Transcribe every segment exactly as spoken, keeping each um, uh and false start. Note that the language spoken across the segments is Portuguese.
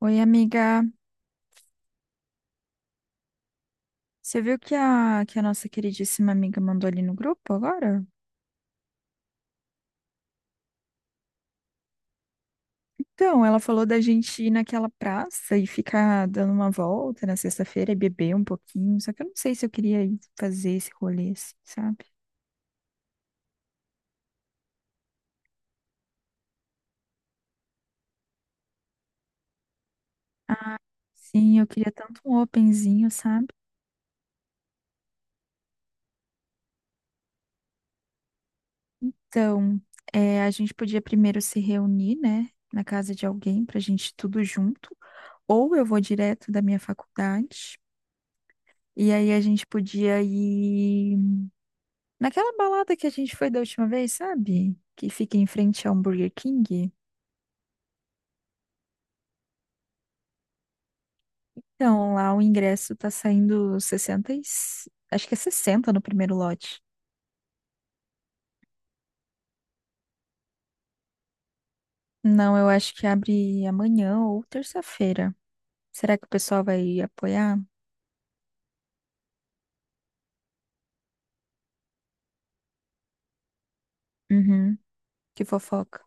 Oi, amiga. Você viu que a, que a nossa queridíssima amiga mandou ali no grupo agora? Então, ela falou da gente ir naquela praça e ficar dando uma volta na sexta-feira e beber um pouquinho. Só que eu não sei se eu queria ir fazer esse rolê, assim, sabe? Sim, eu queria tanto um openzinho, sabe? Então, é, a gente podia primeiro se reunir, né, na casa de alguém pra gente ir tudo junto. Ou eu vou direto da minha faculdade. E aí a gente podia ir naquela balada que a gente foi da última vez, sabe? Que fica em frente ao Burger King. Então, lá o ingresso tá saindo sessenta e... s- acho que é sessenta no primeiro lote. Não, eu acho que abre amanhã ou terça-feira. Será que o pessoal vai apoiar? Uhum, que fofoca.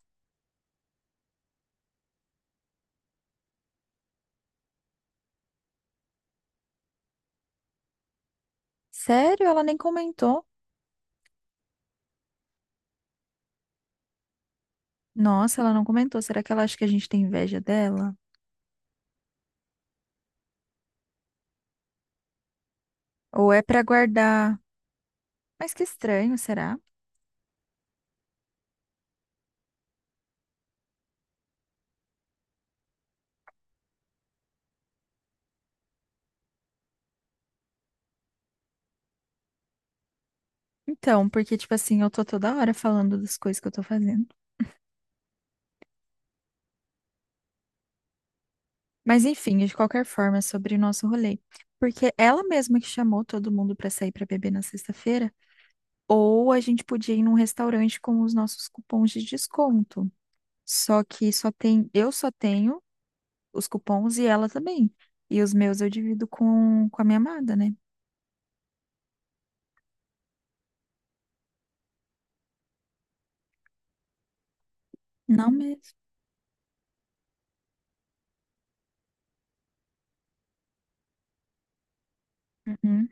Sério? Ela nem comentou. Nossa, ela não comentou. Será que ela acha que a gente tem inveja dela? Ou é pra guardar? Mas que estranho, será? Então, porque, tipo assim, eu tô toda hora falando das coisas que eu tô fazendo. Mas enfim, de qualquer forma, é sobre o nosso rolê. Porque ela mesma que chamou todo mundo para sair para beber na sexta-feira, ou a gente podia ir num restaurante com os nossos cupons de desconto. Só que só tem, eu só tenho os cupons e ela também. E os meus eu divido com, com a minha amada, né? Não mesmo. Uhum.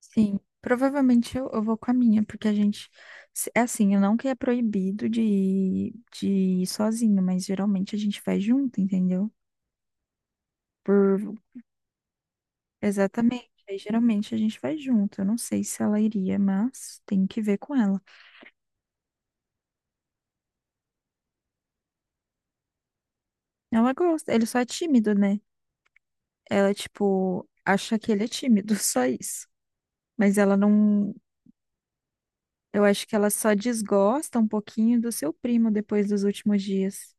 Sim. Provavelmente eu, eu vou com a minha, porque a gente. se- É assim, eu não que é proibido de, ir- de ir sozinho, mas geralmente a gente vai junto, entendeu? Por Exatamente. Aí geralmente a gente vai junto. Eu não sei se ela iria, mas tem que ver com ela. Ela gosta, ele só é tímido, né? Ela, tipo, acha que ele é tímido, só isso. Mas ela não. Eu acho que ela só desgosta um pouquinho do seu primo depois dos últimos dias.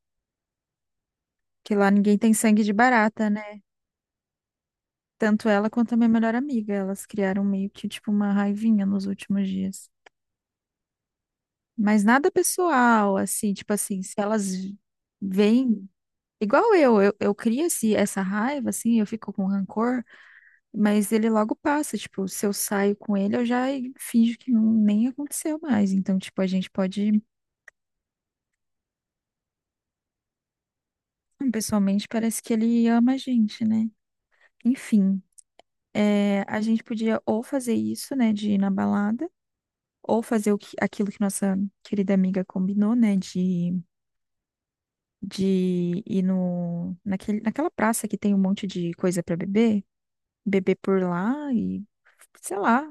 Que lá ninguém tem sangue de barata, né? Tanto ela quanto a minha melhor amiga. Elas criaram meio que, tipo, uma raivinha nos últimos dias. Mas nada pessoal, assim, tipo assim, se elas vêm. Igual eu, eu, eu crio esse, essa raiva, assim, eu fico com rancor, mas ele logo passa, tipo, se eu saio com ele, eu já finjo que não, nem aconteceu mais. Então, tipo, a gente pode, hum, pessoalmente, parece que ele ama a gente, né? Enfim, é, a gente podia ou fazer isso, né, de ir na balada, ou fazer o que, aquilo que nossa querida amiga combinou, né, de, de ir no, naquele, naquela praça que tem um monte de coisa pra beber, beber por lá e sei lá.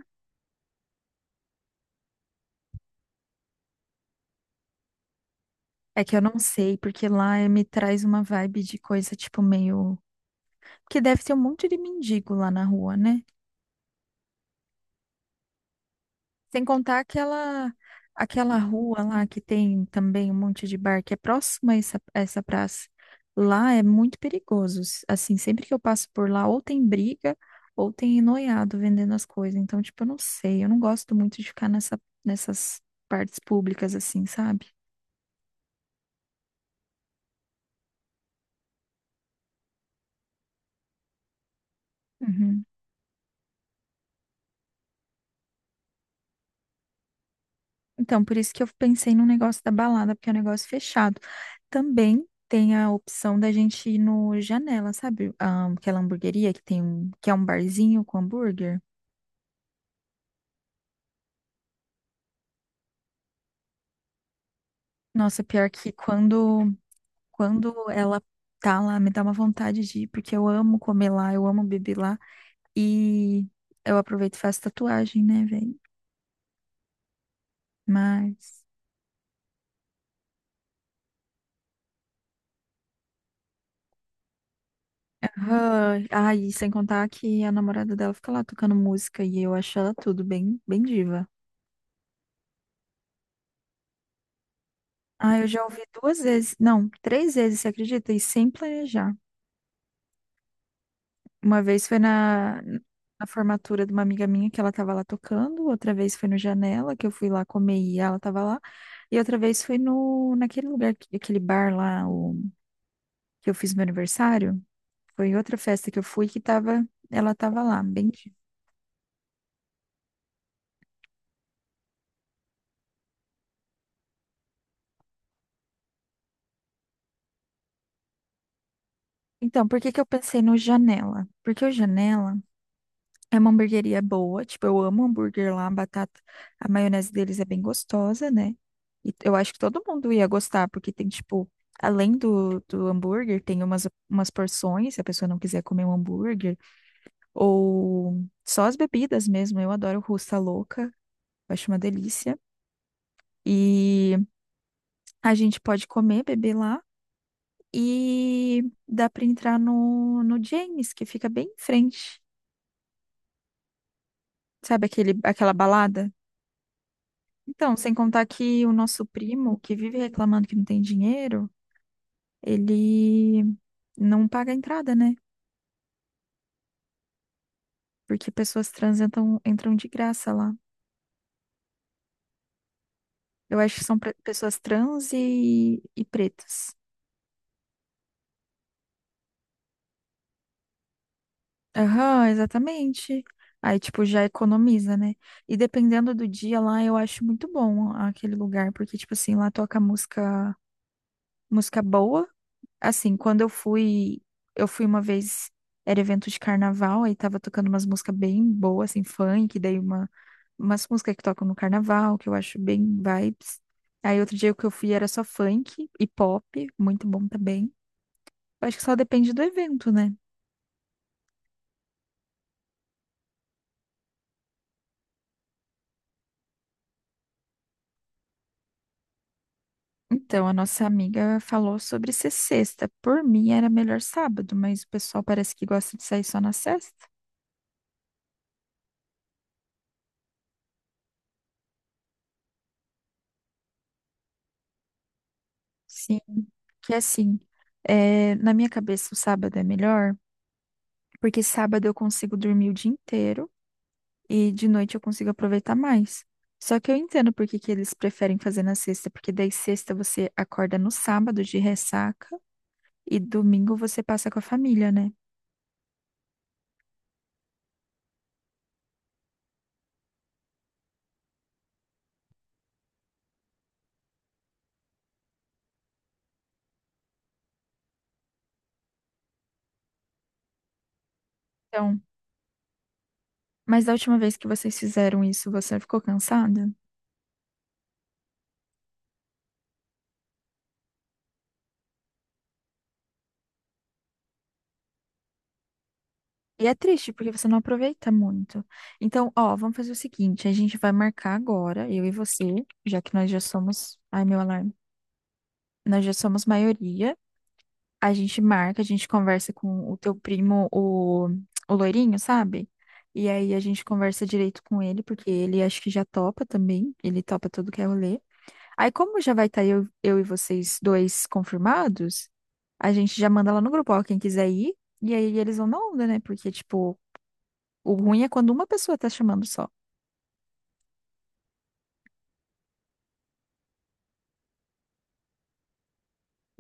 É que eu não sei, porque lá eh, me traz uma vibe de coisa tipo meio. Porque deve ter um monte de mendigo lá na rua, né? Sem contar aquela Aquela rua lá que tem também um monte de bar que é próxima a essa, a essa praça. Lá é muito perigoso. s- Assim, sempre que eu passo por lá, ou tem briga, ou tem noiado vendendo as coisas. Então, tipo, eu não sei. Eu não gosto muito de ficar nessa, nessas partes públicas, assim, sabe? Então, por isso que eu pensei no negócio da balada, porque é um negócio fechado. Também tem a opção da gente ir no Janela, sabe? Ah, aquela hamburgueria que tem um, que é um barzinho com hambúrguer. Nossa, pior que quando, quando ela tá lá, me dá uma vontade de ir, porque eu amo comer lá, eu amo beber lá. E eu aproveito e faço tatuagem, né, velho? Mas. Aham. Ai, sem contar que a namorada dela fica lá tocando música e eu acho ela tudo bem, bem diva. Ah, eu já ouvi duas vezes, não, três vezes, você acredita? E sem planejar. Uma vez foi na, na formatura de uma amiga minha que ela tava lá tocando, outra vez foi no Janela, que eu fui lá comer e ela tava lá, e outra vez foi no, naquele lugar, que- aquele bar lá, o, que eu fiz meu aniversário. Foi em outra festa que eu fui que tava, ela tava lá, bem. Então, por que que eu pensei no Janela? Porque o Janela é uma hamburgueria boa, tipo, eu amo hambúrguer lá, a batata, a maionese deles é bem gostosa, né? E eu acho que todo mundo ia gostar, porque tem, tipo, além do, do hambúrguer, tem umas, umas porções, se a pessoa não quiser comer um hambúrguer, ou só as bebidas mesmo, eu adoro Russa Louca, eu acho uma delícia. E a gente pode comer, beber lá, e dá pra entrar no, no James, que fica bem em frente, sabe aquele, aquela balada? Então, sem contar que o nosso primo, que vive reclamando que não tem dinheiro, ele não paga a entrada, né? Porque pessoas trans entram, entram de graça lá. Eu acho que são pre- pessoas trans e, e pretas. Aham, exatamente. Aí, tipo, já economiza, né? E dependendo do dia lá, eu acho muito bom aquele lugar, porque, tipo assim, lá toca música, música boa. Assim, quando eu fui, eu fui uma vez, era evento de carnaval, aí tava tocando umas músicas bem boas, assim, funk, daí uma, umas músicas que tocam no carnaval, que eu acho bem vibes. Aí outro dia que eu fui era só funk e pop, muito bom também. Eu acho que só depende do evento, né? Então, a nossa amiga falou sobre ser sexta. Por mim era melhor sábado, mas o pessoal parece que gosta de sair só na sexta. Sim, que assim, é, na minha cabeça o sábado é melhor porque sábado eu consigo dormir o dia inteiro e de noite eu consigo aproveitar mais. Só que eu entendo por que que eles preferem fazer na sexta, porque daí sexta você acorda no sábado de ressaca e domingo você passa com a família, né? Então, mas da última vez que vocês fizeram isso, você ficou cansada? E é triste, porque você não aproveita muito. Então, ó, vamos fazer o seguinte, a gente vai marcar agora, eu e você, já que nós já somos, ai meu alarme, nós já somos maioria. A gente marca, a gente conversa com o teu primo, o, o loirinho, sabe? E aí a gente conversa direito com ele, porque ele acho que já topa também. Ele topa tudo que é rolê. Aí, como já vai estar eu, eu e vocês dois confirmados, a gente já manda lá no grupo, ó, quem quiser ir. E aí eles vão na onda, né? Porque, tipo, o ruim é quando uma pessoa tá chamando só.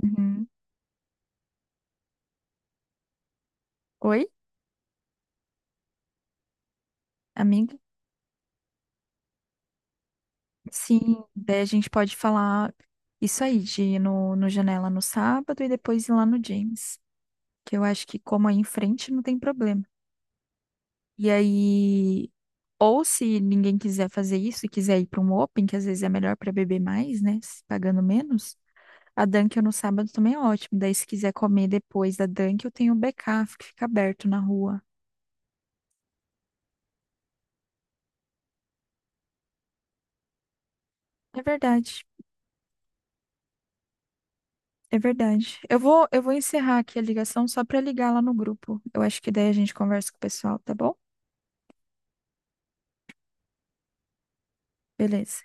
Uhum. Oi, amiga? Sim, daí a gente pode falar isso aí, de ir no, no Janela no sábado e depois ir lá no James, que eu acho que como aí em frente não tem problema. E aí, ou se ninguém quiser fazer isso e quiser ir para um open, que às vezes é melhor para beber mais, né, se pagando menos, a Dunkin' no sábado também é ótimo. Daí se quiser comer depois da Dunkin', eu tenho o B K que fica aberto na rua. É verdade. É verdade. Eu vou, eu vou encerrar aqui a ligação só para ligar lá no grupo. Eu acho que daí a gente conversa com o pessoal, tá bom? Beleza.